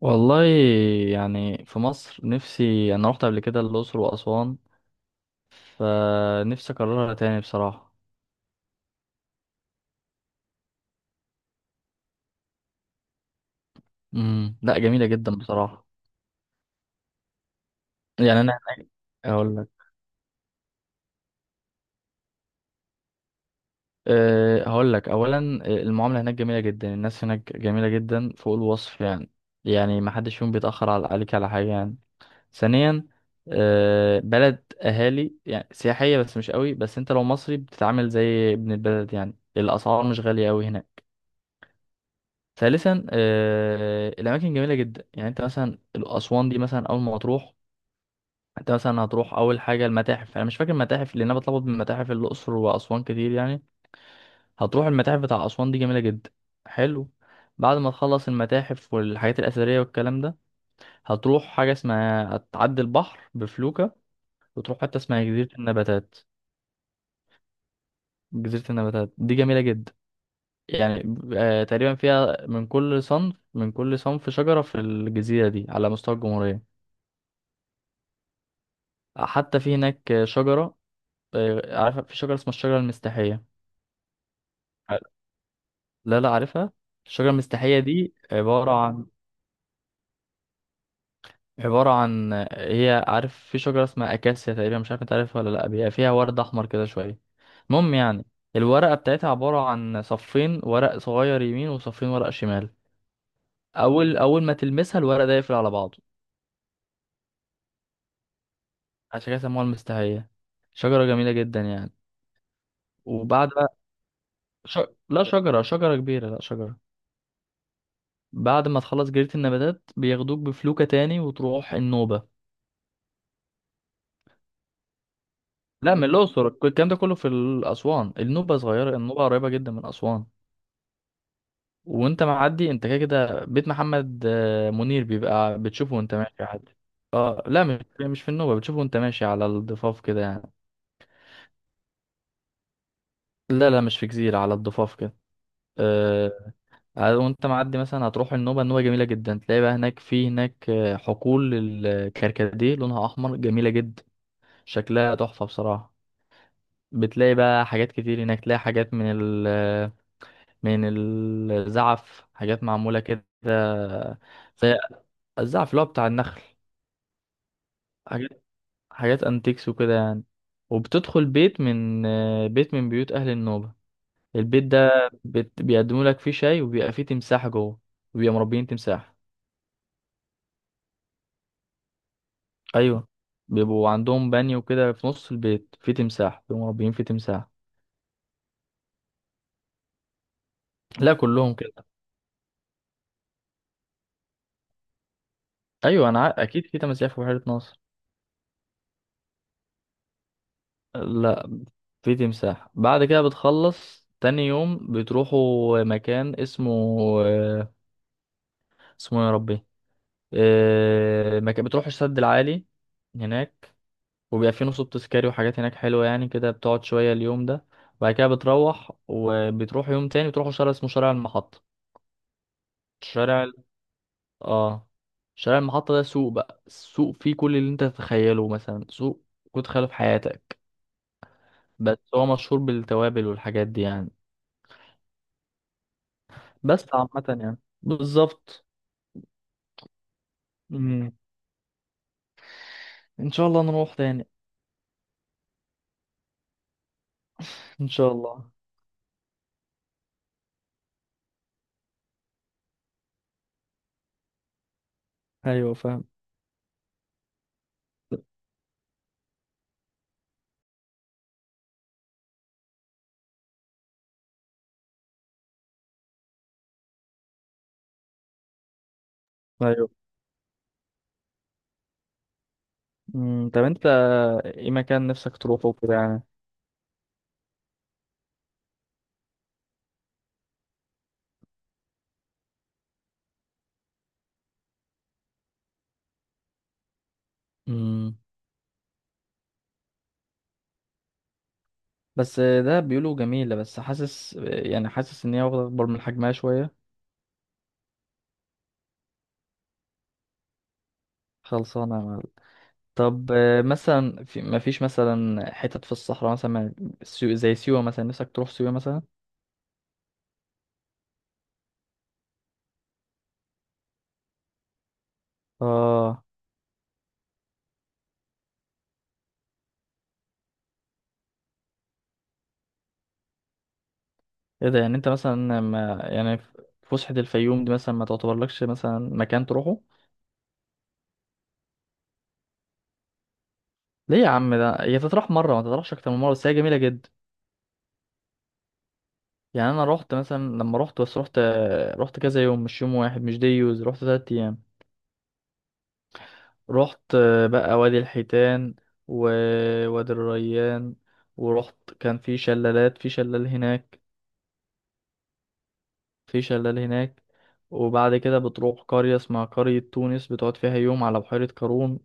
والله، يعني في مصر نفسي انا رحت قبل كده الاقصر واسوان، فنفسي اكررها تاني بصراحه. لا، جميله جدا بصراحه. يعني انا هقول لك هقول لك اولا، المعامله هناك جميله جدا، الناس هناك جميله جدا فوق الوصف يعني. يعني ما حدش فيهم بيتاخر عليك على حاجه يعني. ثانيا، بلد اهالي يعني سياحيه بس مش قوي، بس انت لو مصري بتتعامل زي ابن البلد يعني، الاسعار مش غاليه قوي هناك. ثالثا، الاماكن جميله جدا، يعني انت مثلا اسوان دي مثلا اول ما تروح، انت مثلا هتروح اول حاجه المتاحف، انا مش فاكر المتاحف لان انا بتلخبط بين متاحف الاقصر واسوان كتير يعني. هتروح المتاحف بتاع اسوان دي جميله جدا. حلو. بعد ما تخلص المتاحف والحاجات الاثريه والكلام ده، هتروح حاجه اسمها هتعدي البحر بفلوكه، وتروح حته اسمها جزيره النباتات. جزيره النباتات دي جميله جدا، يعني تقريبا فيها من كل صنف، من كل صنف شجره في الجزيره دي على مستوى الجمهوريه. حتى في هناك شجرة، عارفة في شجرة اسمها الشجرة المستحية؟ ع- لا لا، عارفها. الشجرة المستحية دي عبارة عن، هي عارف في شجرة اسمها أكاسيا تقريبا، مش عارف انت عارفها ولا لأ، بيبقى فيها ورد أحمر كده شوية. المهم يعني، الورقة بتاعتها عبارة عن صفين ورق صغير يمين وصفين ورق شمال. أول ما تلمسها الورق ده يقفل على بعضه. عشان كده سموها المستحية. شجرة جميلة جدا يعني. وبعد بقى، ش... لا شجرة كبيرة، لا شجرة. بعد ما تخلص جريدة النباتات بياخدوك بفلوكة تاني وتروح النوبة. لا من الأقصر، الكلام ده كله في أسوان، النوبة صغيرة، النوبة قريبة جدا من أسوان. وانت معدي انت كده كده بيت محمد منير، بيبقى بتشوفه وانت ماشي عادي. اه لا، مش في النوبة، بتشوفه وانت ماشي على الضفاف كده يعني. لا لا، مش في جزيرة، على الضفاف كده. آه وانت معدي مثلا هتروح النوبة، النوبة جميلة جدا، تلاقي بقى هناك، في هناك حقول الكركديه لونها أحمر، جميلة جدا، شكلها تحفة بصراحة. بتلاقي بقى حاجات كتير هناك، تلاقي حاجات من ال من الزعف، حاجات معمولة كده، زي الزعف اللي هو بتاع النخل. حاجات حاجات انتيكس وكده يعني. وبتدخل بيت من بيوت أهل النوبة. البيت ده، بيقدموا لك فيه شاي، وبيبقى فيه تمساح جوه، وبيبقى مربيين تمساح. أيوه، بيبقوا عندهم بانيو كده في نص البيت فيه تمساح، بيبقوا مربيين فيه تمساح. لا كلهم كده. أيوه، أنا أكيد في تماسيح في بحيرة ناصر. لا، في تمساح. بعد كده بتخلص تاني يوم بتروحوا مكان اسمه اسمه إيه يا ربي، مكان بتروحوا السد العالي هناك. وبيبقى فيه نصب تذكاري وحاجات هناك حلوة يعني، كده بتقعد شوية اليوم ده. بعد كده بتروح، وبتروح يوم تاني بتروحوا شارع اسمه شارع المحطة. شارع ال- اه شارع المحطة ده سوق بقى، السوق فيه كل اللي انت تتخيله مثلا، سوق كنت تخيله في حياتك. بس هو مشهور بالتوابل والحاجات دي يعني. بس عامة يعني بالظبط. مم. ان شاء الله نروح تاني. ان شاء الله. ايوه فاهم. ايوه. طب انت ايه مكان نفسك تروحه وكده يعني؟ مم. بس ده بيقولوا جميلة، بس حاسس يعني، حاسس ان هي واخدة اكبر من حجمها شوية. خلصانة يا معلم. طب مثلا في، ما فيش مثلا حتت في الصحراء مثلا، زي سيوة مثلا، نفسك تروح سيوة مثلا؟ اه. ايه ده، يعني انت مثلا، ما يعني ف- فسحة الفيوم دي مثلا ما تعتبرلكش مثلا مكان تروحه؟ ليه يا عم، ده هي تطرح مره ما تطرحش اكتر من مره، بس هي جميله جدا. يعني انا رحت مثلا، لما رحت بس رحت، رحت كذا يوم، مش يوم واحد، مش ديوز، رحت 3 ايام. رحت بقى وادي الحيتان، ووادي الريان، ورحت كان في شلالات، في شلال هناك، في شلال هناك. وبعد كده بتروح قرية اسمها قرية تونس، بتقعد فيها يوم على بحيرة قارون.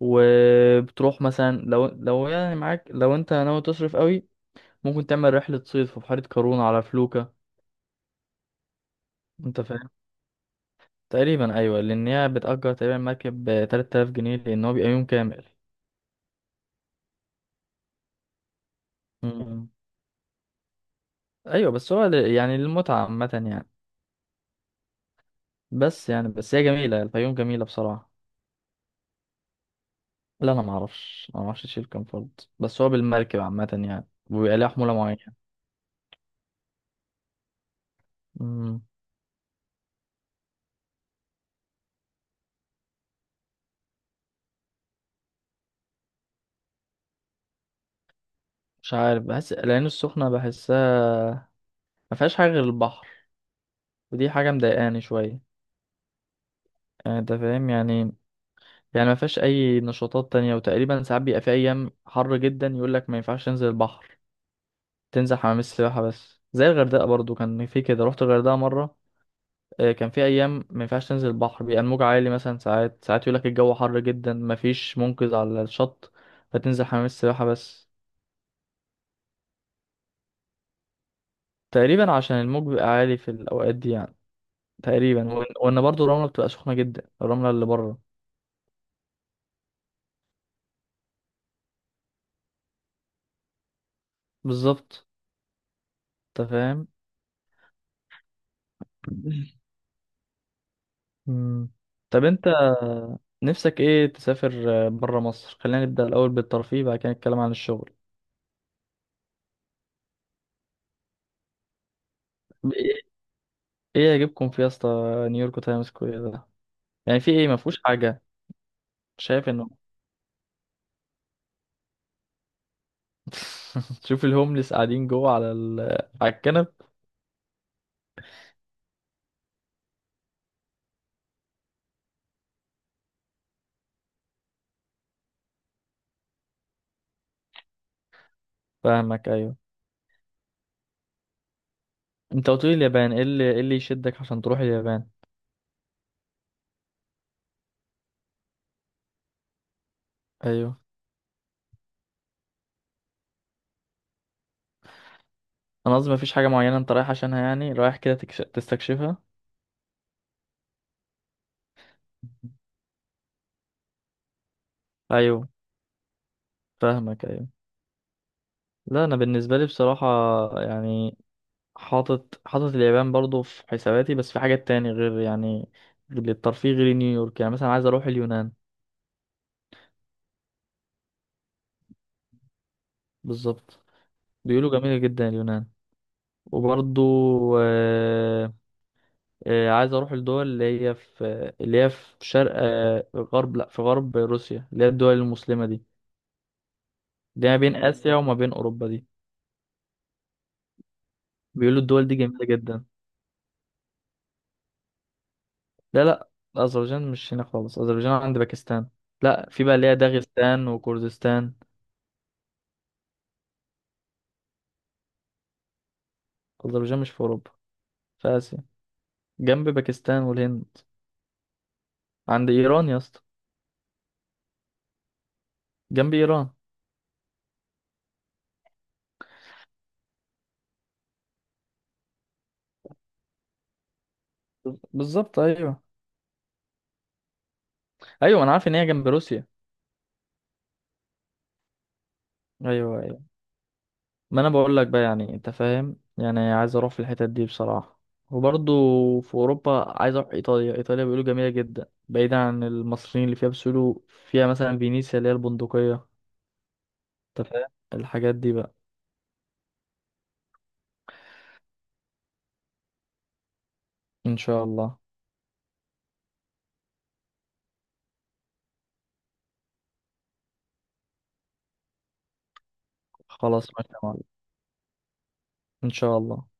وبتروح مثلا لو، يعني معاك، لو انت ناوي تصرف قوي، ممكن تعمل رحلة صيد في بحيرة قارون على فلوكة. انت تقريبا ايوه، لان هي بتأجر تقريبا مركب ب 3000 جنيه، لان هو بيبقى يوم كامل. مم. ايوه بس هو يعني للمتعه عامه يعني. بس يعني، بس هي جميله، الفيوم جميله بصراحه. لا انا ما اعرفش، ما اعرفش تشيل كام فرد، بس هو بالمركب عامه يعني، وبيبقى ليها حموله معينه. مم. مش عارف، بحس العين السخنه، بحسها ما فيهاش حاجه غير البحر، ودي حاجه مضايقاني شويه، يعني انت فاهم يعني. يعني ما فيهاش اي نشاطات تانية، وتقريبا ساعات بيبقى في ايام حر جدا يقول لك ما ينفعش تنزل البحر، تنزل حمام السباحة بس. زي الغردقة برضو كان في كده، رحت الغردقة مرة، كان في أيام ما ينفعش تنزل البحر، بيبقى الموج عالي مثلا. ساعات يقولك الجو حر جدا مفيش منقذ على الشط، فتنزل حمام السباحة بس. تقريبا عشان الموج بيبقى عالي في الأوقات دي يعني. تقريبا، وإن برضو الرملة بتبقى سخنة جدا، الرملة اللي بره. بالظبط، أنت فاهم. مم. طب أنت نفسك إيه تسافر بره مصر؟ خلينا نبدأ الأول بالترفيه، بعد كده نتكلم عن الشغل. ايه يجيبكم في يا اسطى؟ نيويورك تايمز سكوير ده يعني في ايه؟ ما فيهوش حاجه. شايف انه شوف الهوملس قاعدين جوه على الكنب. فاهمك، ايوه. انت قلت لي اليابان، ايه اللي يشدك عشان تروح اليابان؟ ايوه، انا قصدي ما فيش حاجه معينه انت رايح عشانها يعني، رايح كده تستكشفها؟ ايوه فاهمك، ايوه. لا انا بالنسبه لي بصراحه، يعني، حاطط اليابان برضو في حساباتي، بس في حاجات تاني غير يعني، غير الترفيه غير نيويورك، يعني مثلا عايز اروح اليونان. بالظبط. بيقولوا جميلة جدا اليونان. وبرضو، آه، عايز اروح الدول اللي هي في، شرق، غرب، لا، في غرب روسيا، اللي هي الدول المسلمة دي. اللي هي ما بين آسيا وما بين أوروبا دي، بيقولوا الدول دي جميلة جدا. لا لا، أذربيجان مش هنا خالص، أذربيجان عند باكستان. لا، في بقى اللي هي داغستان وكردستان. أذربيجان مش في أوروبا، في آسيا، جنب باكستان والهند، عند إيران يا اسطى، جنب إيران. بالظبط، أيوه. أيوه أنا عارف إن هي جنب روسيا. ايوه، ما انا بقول لك بقى يعني، انت فاهم يعني، عايز اروح في الحتت دي بصراحة. وبرضه، في اوروبا عايز اروح ايطاليا، ايطاليا بيقولوا جميلة جدا بعيدا عن المصريين اللي فيها، بس بيقولوا فيها مثلا فينيسيا اللي هي البندقية. انت فاهم، الحاجات دي بقى. ان شاء الله. خلاص ماشي يا معلم. ان شاء الله.